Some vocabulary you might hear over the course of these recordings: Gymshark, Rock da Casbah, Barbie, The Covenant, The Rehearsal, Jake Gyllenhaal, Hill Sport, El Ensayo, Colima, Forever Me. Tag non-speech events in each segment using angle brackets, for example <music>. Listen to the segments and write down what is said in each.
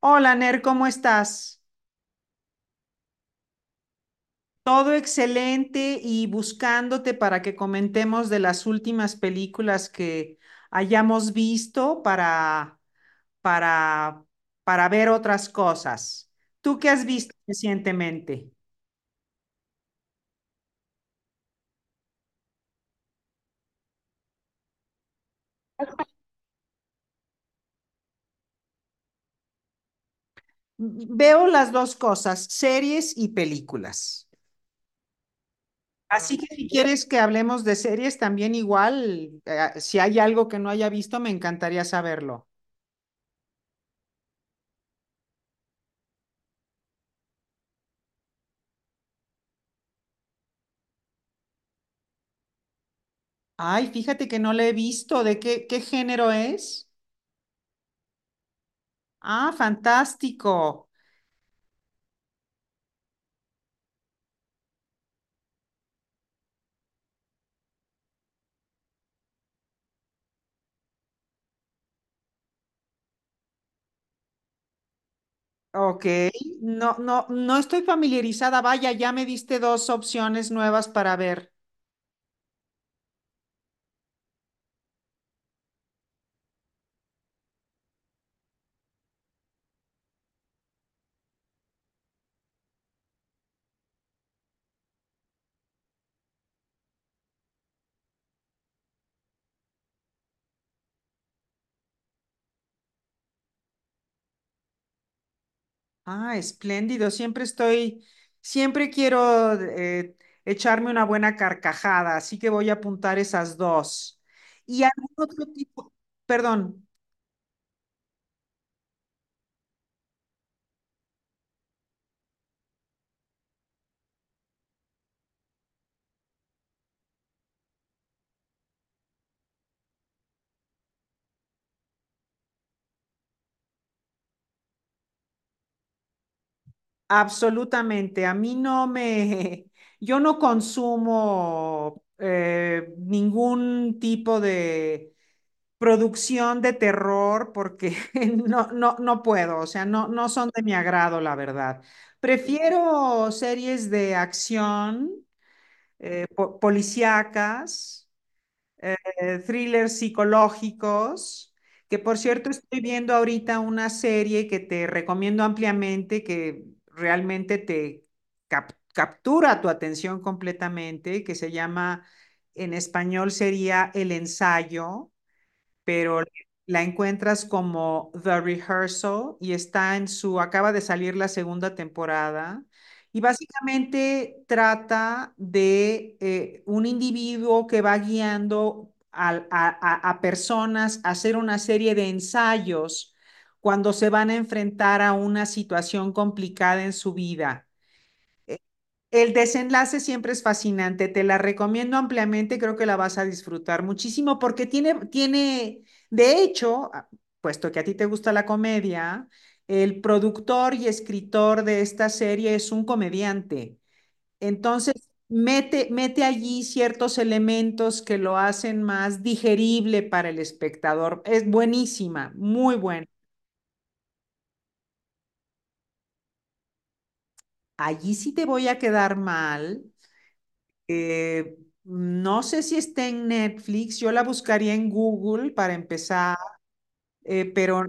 Hola, Ner, ¿cómo estás? Todo excelente y buscándote para que comentemos de las últimas películas que hayamos visto para, para ver otras cosas. ¿Tú qué has visto recientemente? Veo las dos cosas, series y películas. Así que si quieres que hablemos de series también igual, si hay algo que no haya visto, me encantaría saberlo. Ay, fíjate que no le he visto. Qué género es? Ah, fantástico. Ok, no, no, no estoy familiarizada. Vaya, ya me diste dos opciones nuevas para ver. Ah, espléndido. Siempre quiero echarme una buena carcajada, así que voy a apuntar esas dos. Y algún otro tipo, perdón, absolutamente. A mí no me, <laughs> yo no consumo ningún tipo de producción de terror porque <laughs> no, no, no puedo, o sea, no, no son de mi agrado, la verdad. Prefiero series de acción, policíacas, eh, thrillers psicológicos, que por cierto estoy viendo ahorita una serie que te recomiendo ampliamente, que realmente te captura tu atención completamente, que se llama, en español sería El Ensayo, pero la encuentras como The Rehearsal y está en su, acaba de salir la segunda temporada. Y básicamente trata de un individuo que va guiando a, a personas a hacer una serie de ensayos cuando se van a enfrentar a una situación complicada en su vida. El desenlace siempre es fascinante, te la recomiendo ampliamente, creo que la vas a disfrutar muchísimo porque de hecho, ah, puesto que a ti te gusta la comedia, el productor y escritor de esta serie es un comediante. Entonces, mete allí ciertos elementos que lo hacen más digerible para el espectador. Es buenísima, muy buena. Allí sí te voy a quedar mal. Eh, no sé si está en Netflix, yo la buscaría en Google para empezar, pero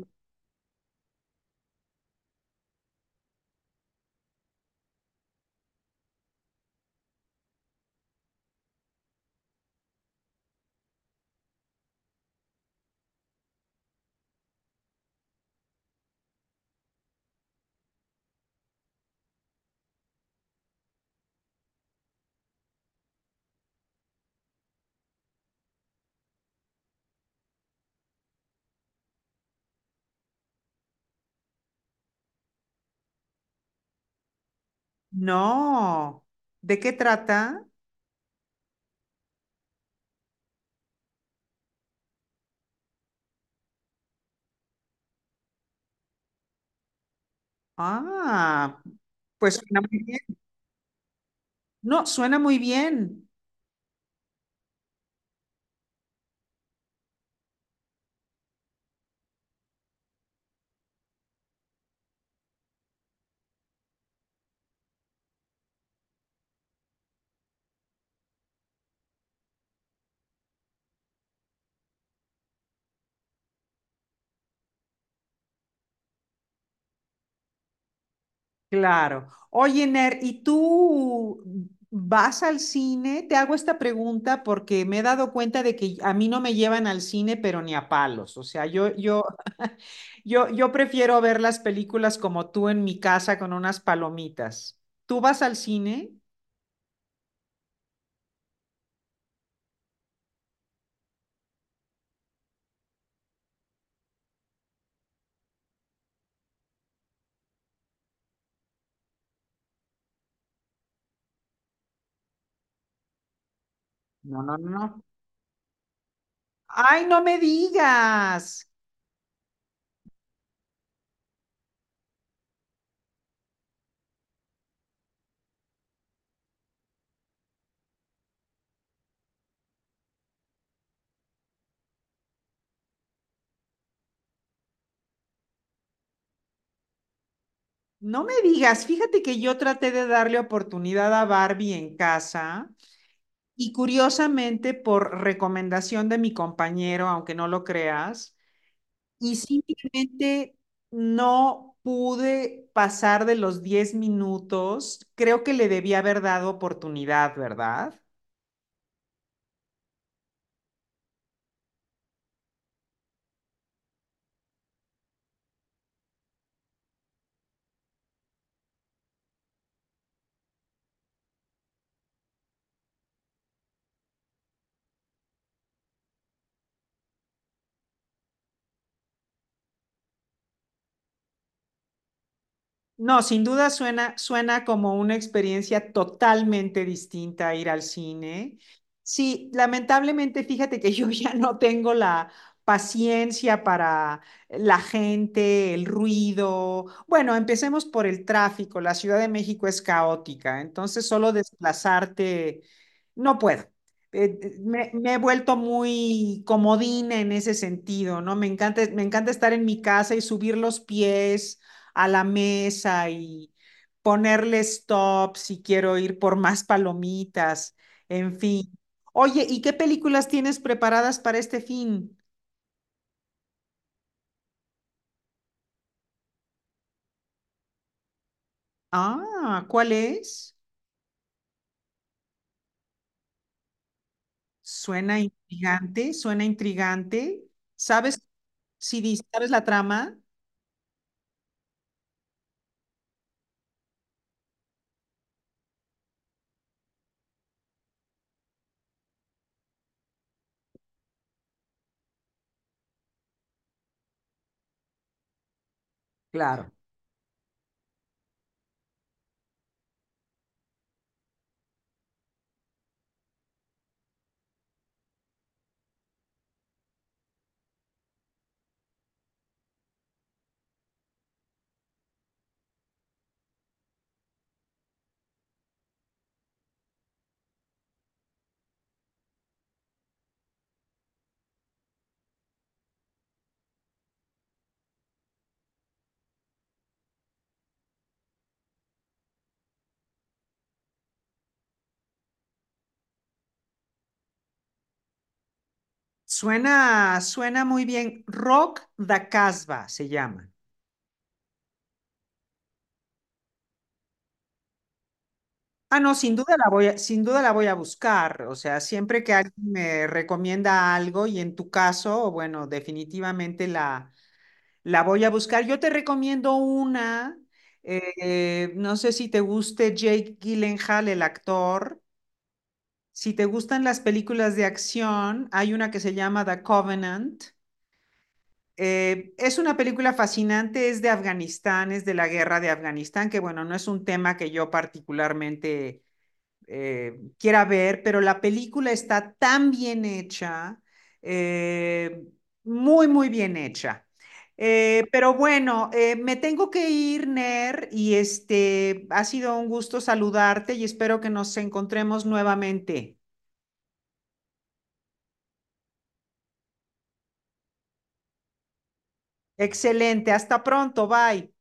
no. ¿De qué trata? Ah, pues suena muy bien. No, suena muy bien, claro. Oye, Ner, ¿y tú vas al cine? Te hago esta pregunta porque me he dado cuenta de que a mí no me llevan al cine, pero ni a palos. O sea, yo yo prefiero ver las películas como tú en mi casa con unas palomitas. ¿Tú vas al cine? No, no, no, no. Ay, no me digas, no me digas. Fíjate que yo traté de darle oportunidad a Barbie en casa y curiosamente por recomendación de mi compañero, aunque no lo creas, y simplemente no pude pasar de los 10 minutos. Creo que le debía haber dado oportunidad, ¿verdad? No, sin duda suena, suena como una experiencia totalmente distinta a ir al cine. Sí, lamentablemente, fíjate que <laughs> yo ya no tengo la paciencia para la gente, el ruido. Bueno, empecemos por el tráfico. La Ciudad de México es caótica, entonces solo desplazarte, no puedo. Me he vuelto muy comodina en ese sentido, ¿no? Me encanta estar en mi casa y subir los pies a la mesa y ponerle stop si quiero ir por más palomitas, en fin. Oye, ¿y qué películas tienes preparadas para este fin? Ah, ¿cuál es? Suena intrigante, suena intrigante. ¿Sabes si sabes la trama? Claro. Suena, suena muy bien. Rock da Casbah se llama. Ah, no, sin duda sin duda la voy a buscar. O sea, siempre que alguien me recomienda algo y en tu caso, bueno, definitivamente la, la voy a buscar. Yo te recomiendo una, no sé si te guste Jake Gyllenhaal, el actor. Si te gustan las películas de acción, hay una que se llama The Covenant. Es una película fascinante, es de Afganistán, es de la guerra de Afganistán, que bueno, no es un tema que yo particularmente quiera ver, pero la película está tan bien hecha, eh, muy, muy bien hecha. Pero bueno, me tengo que ir, Ner, y este ha sido un gusto saludarte y espero que nos encontremos nuevamente. Excelente, hasta pronto, bye.